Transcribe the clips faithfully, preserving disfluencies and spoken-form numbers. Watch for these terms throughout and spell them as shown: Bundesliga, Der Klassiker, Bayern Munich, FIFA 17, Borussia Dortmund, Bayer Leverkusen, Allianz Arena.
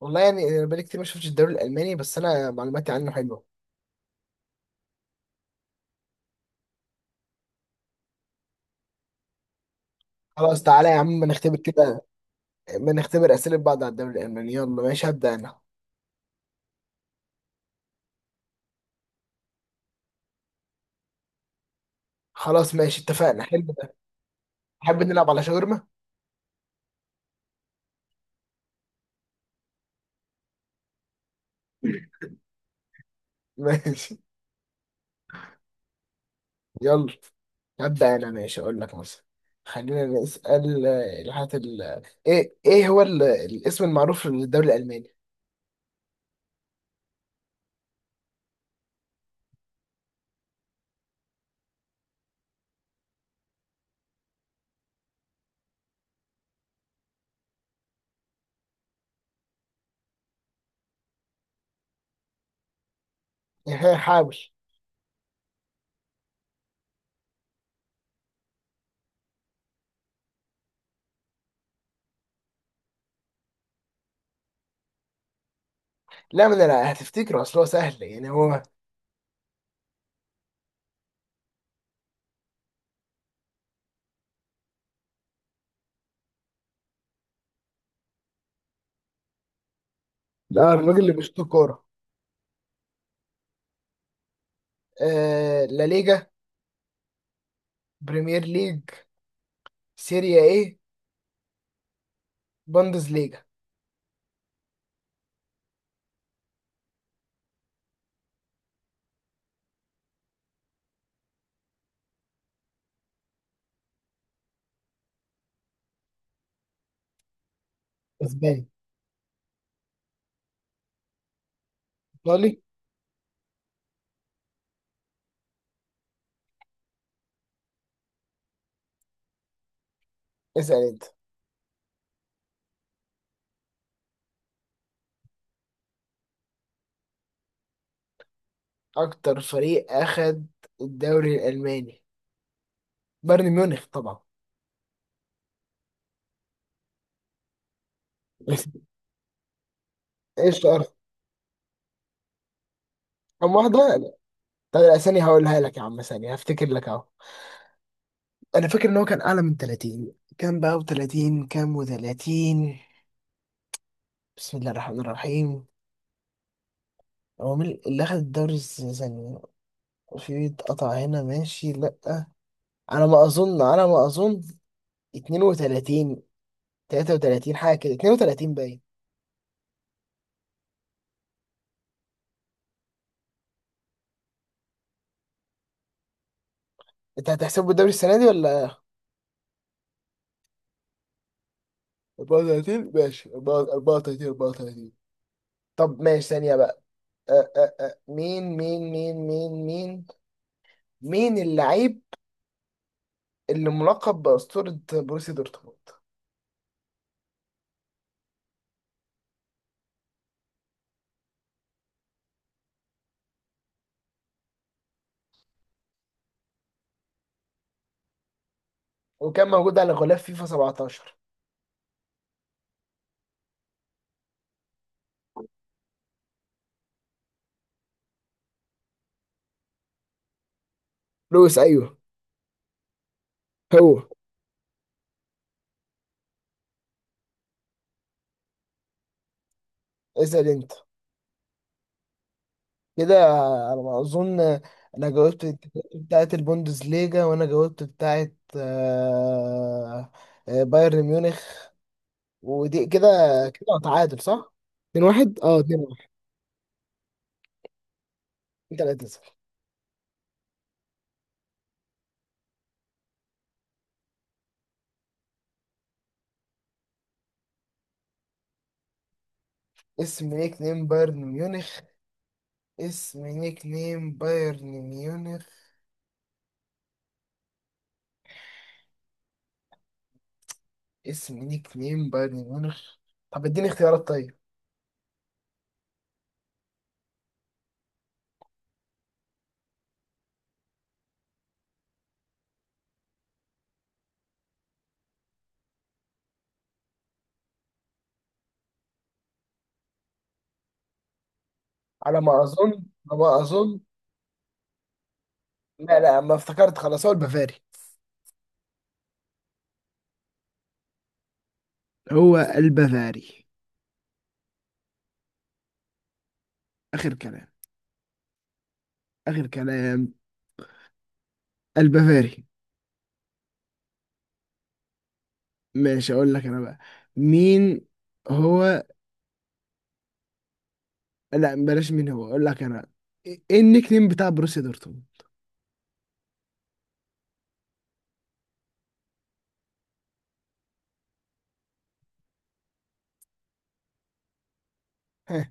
والله يعني بقالي كتير ما شفتش الدوري الالماني، بس انا معلوماتي عنه حلوه. خلاص، تعالى يا عم، ما نختبر كده ما نختبر اسئله بعض على الدوري الالماني. يلا ماشي، هبدا انا. خلاص ماشي، اتفقنا. حلو ده. تحب نلعب على شاورما؟ ماشي، يلا. هبدا انا. ماشي، اقول لك مثلا. خلينا نسال آه، الحاجات ال... ايه ايه هو ال... الاسم المعروف للدوري الالماني؟ حاول. لا، ما انا لا هتفتكره، اصل هو سهل، يعني هو. ده الراجل اللي بيشوط كوره. آه... لا ليجا، بريمير ليج، سيريا ايه، بوندسليجا. اسباني. ايطالي. اسأل انت. اكتر فريق اخد الدوري الالماني، بايرن ميونخ طبعا. ايش تعرف كم واحدة؟ طيب، لا. طب الاسامي هقولها لك يا عم، ثانية هفتكر لك اهو. انا فاكر ان هو كان اعلى من تلاتين كام بقى، و30 كام، و30. بسم الله الرحمن الرحيم. هو مين اللي اخد الدوري السنة؟ في اتقطع هنا، ماشي. لا، على ما اظن على ما اظن اتنين وتلاتين، تلاتة وتلاتين حاجة كده، اتنين وتلاتين باين. انت هتحسبه الدوري السنة دي ولا؟ اربعة وتلاتين، ماشي، اربعة وتلاتين اربعة وتلاتين. طب ماشي، ثانية بقى. أه أه أه. مين مين مين مين مين مين اللاعب اللي ملقب بأسطورة بروسيا دورتموند وكان موجود على غلاف فيفا سبعة عشر؟ لويس. أيوه، هو. اسأل أنت. كده على ما أظن. أنا جاوبت بتاعة البوندسليجا، وأنا جاوبت بتاعة آه، آه، بايرن ميونخ. ودي كده كده تعادل صح؟ اتنين واحد. اه، اتنين واحد. أنت لا تسأل. اسم نيك نيم بايرن ميونخ اسم نيك نيم بايرن ميونخ اسم نيك نيم بايرن ميونخ؟ طب اديني اختيارات طيب. على ما اظن على ما اظن. لا، لا، ما افتكرت. خلاص، هو البافاري هو البافاري. اخر كلام. اخر كلام. البافاري. ماشي، اقول لك انا بقى. مين هو؟ لا، بلاش مين هو. اقول لك انا. ايه إيه النيك نيم بتاع بروسيا دورتموند؟ ها؟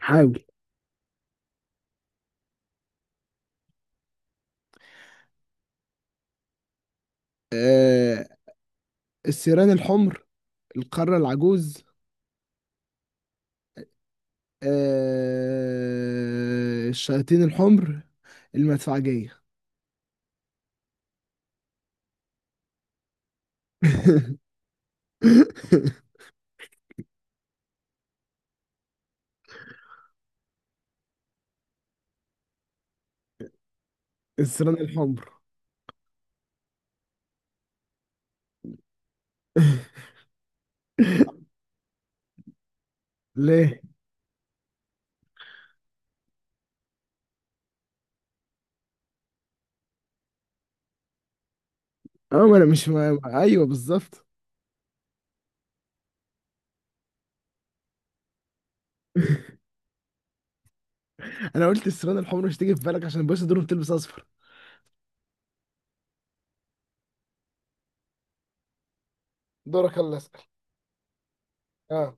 حاول. آه... السيران الحمر، القارة العجوز، آه، الشياطين الحمر، المدفعجية. السران الحمر. ليه؟ اه، ما انا مش ما... ما- ايوه بالظبط. انا قلت السران الحمر، مش تيجي في بالك؟ عشان الباشا دول بتلبس اصفر. دورك، يلا اسال. اه،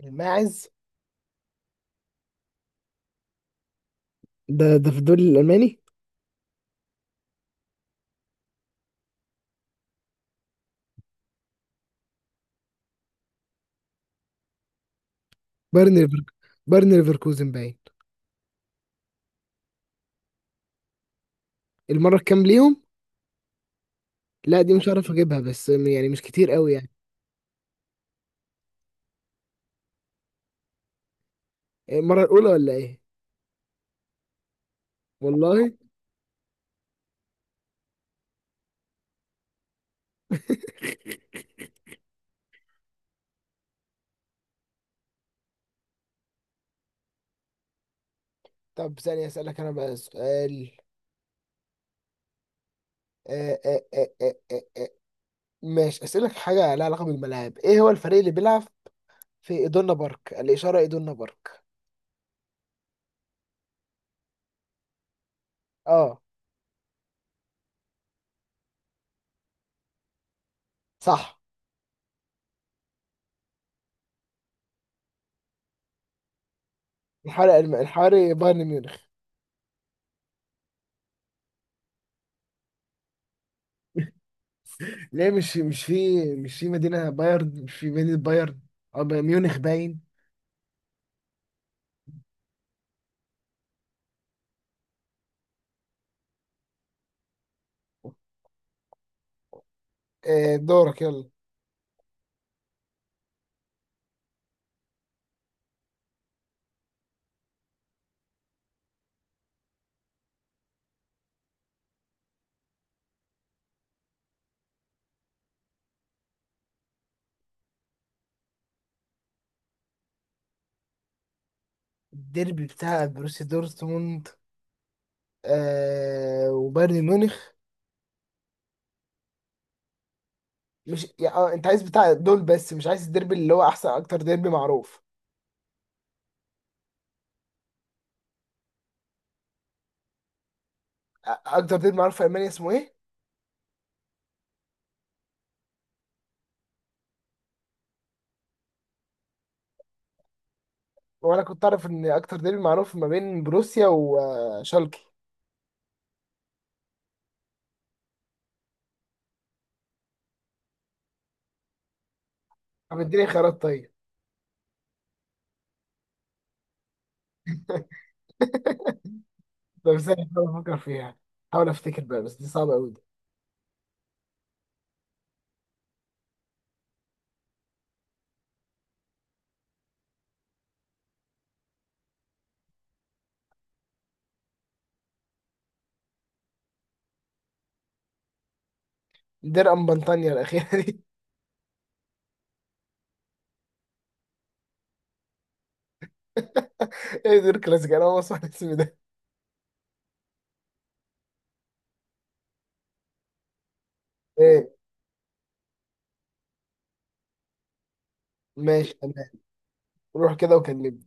الماعز. ده ده في الدوري الالماني؟ بايرن ليفر- بايرن ليفركوزن باين. المره الكام ليهم؟ لا، دي مش عارف اجيبها، بس يعني مش كتير قوي يعني. المره الاولى ولا ايه؟ والله. طب ثانية أسألك أنا بقى سؤال. آه، آه، آه، آه، آه، آه. ماشي أسألك حاجة لها علاقة بالملاعب. إيه هو الفريق اللي بيلعب في إدونا بارك؟ الإشارة إدونا بارك. أه صح. الحواري الم... الحواري بايرن ميونخ. ليه مش مش في مش في مدينة بايرن؟ مش في مدينة بايرن أو ب- ميونخ باين. آه، دورك يلا. الديربي بتاع بروسيا دورتموند آه وبايرن ميونخ. مش يعني آه، انت عايز بتاع دول بس؟ مش عايز الديربي اللي هو احسن اكتر ديربي معروف. اكتر ديربي معروف في المانيا اسمه ايه؟ وانا كنت اعرف ان اكتر ديربي معروف ما بين بروسيا وشالكي. طب اديني خيارات طيب. طب ازاي بفكر فيها؟ حاول افتكر بقى، بس دي صعبه قوي دي. دير ام بنطانيا الاخيره دي. ايه دير كلاسيك؟ انا اول ما اسمع الاسم ده. ايه؟ ماشي تمام. روح كده وكلمني.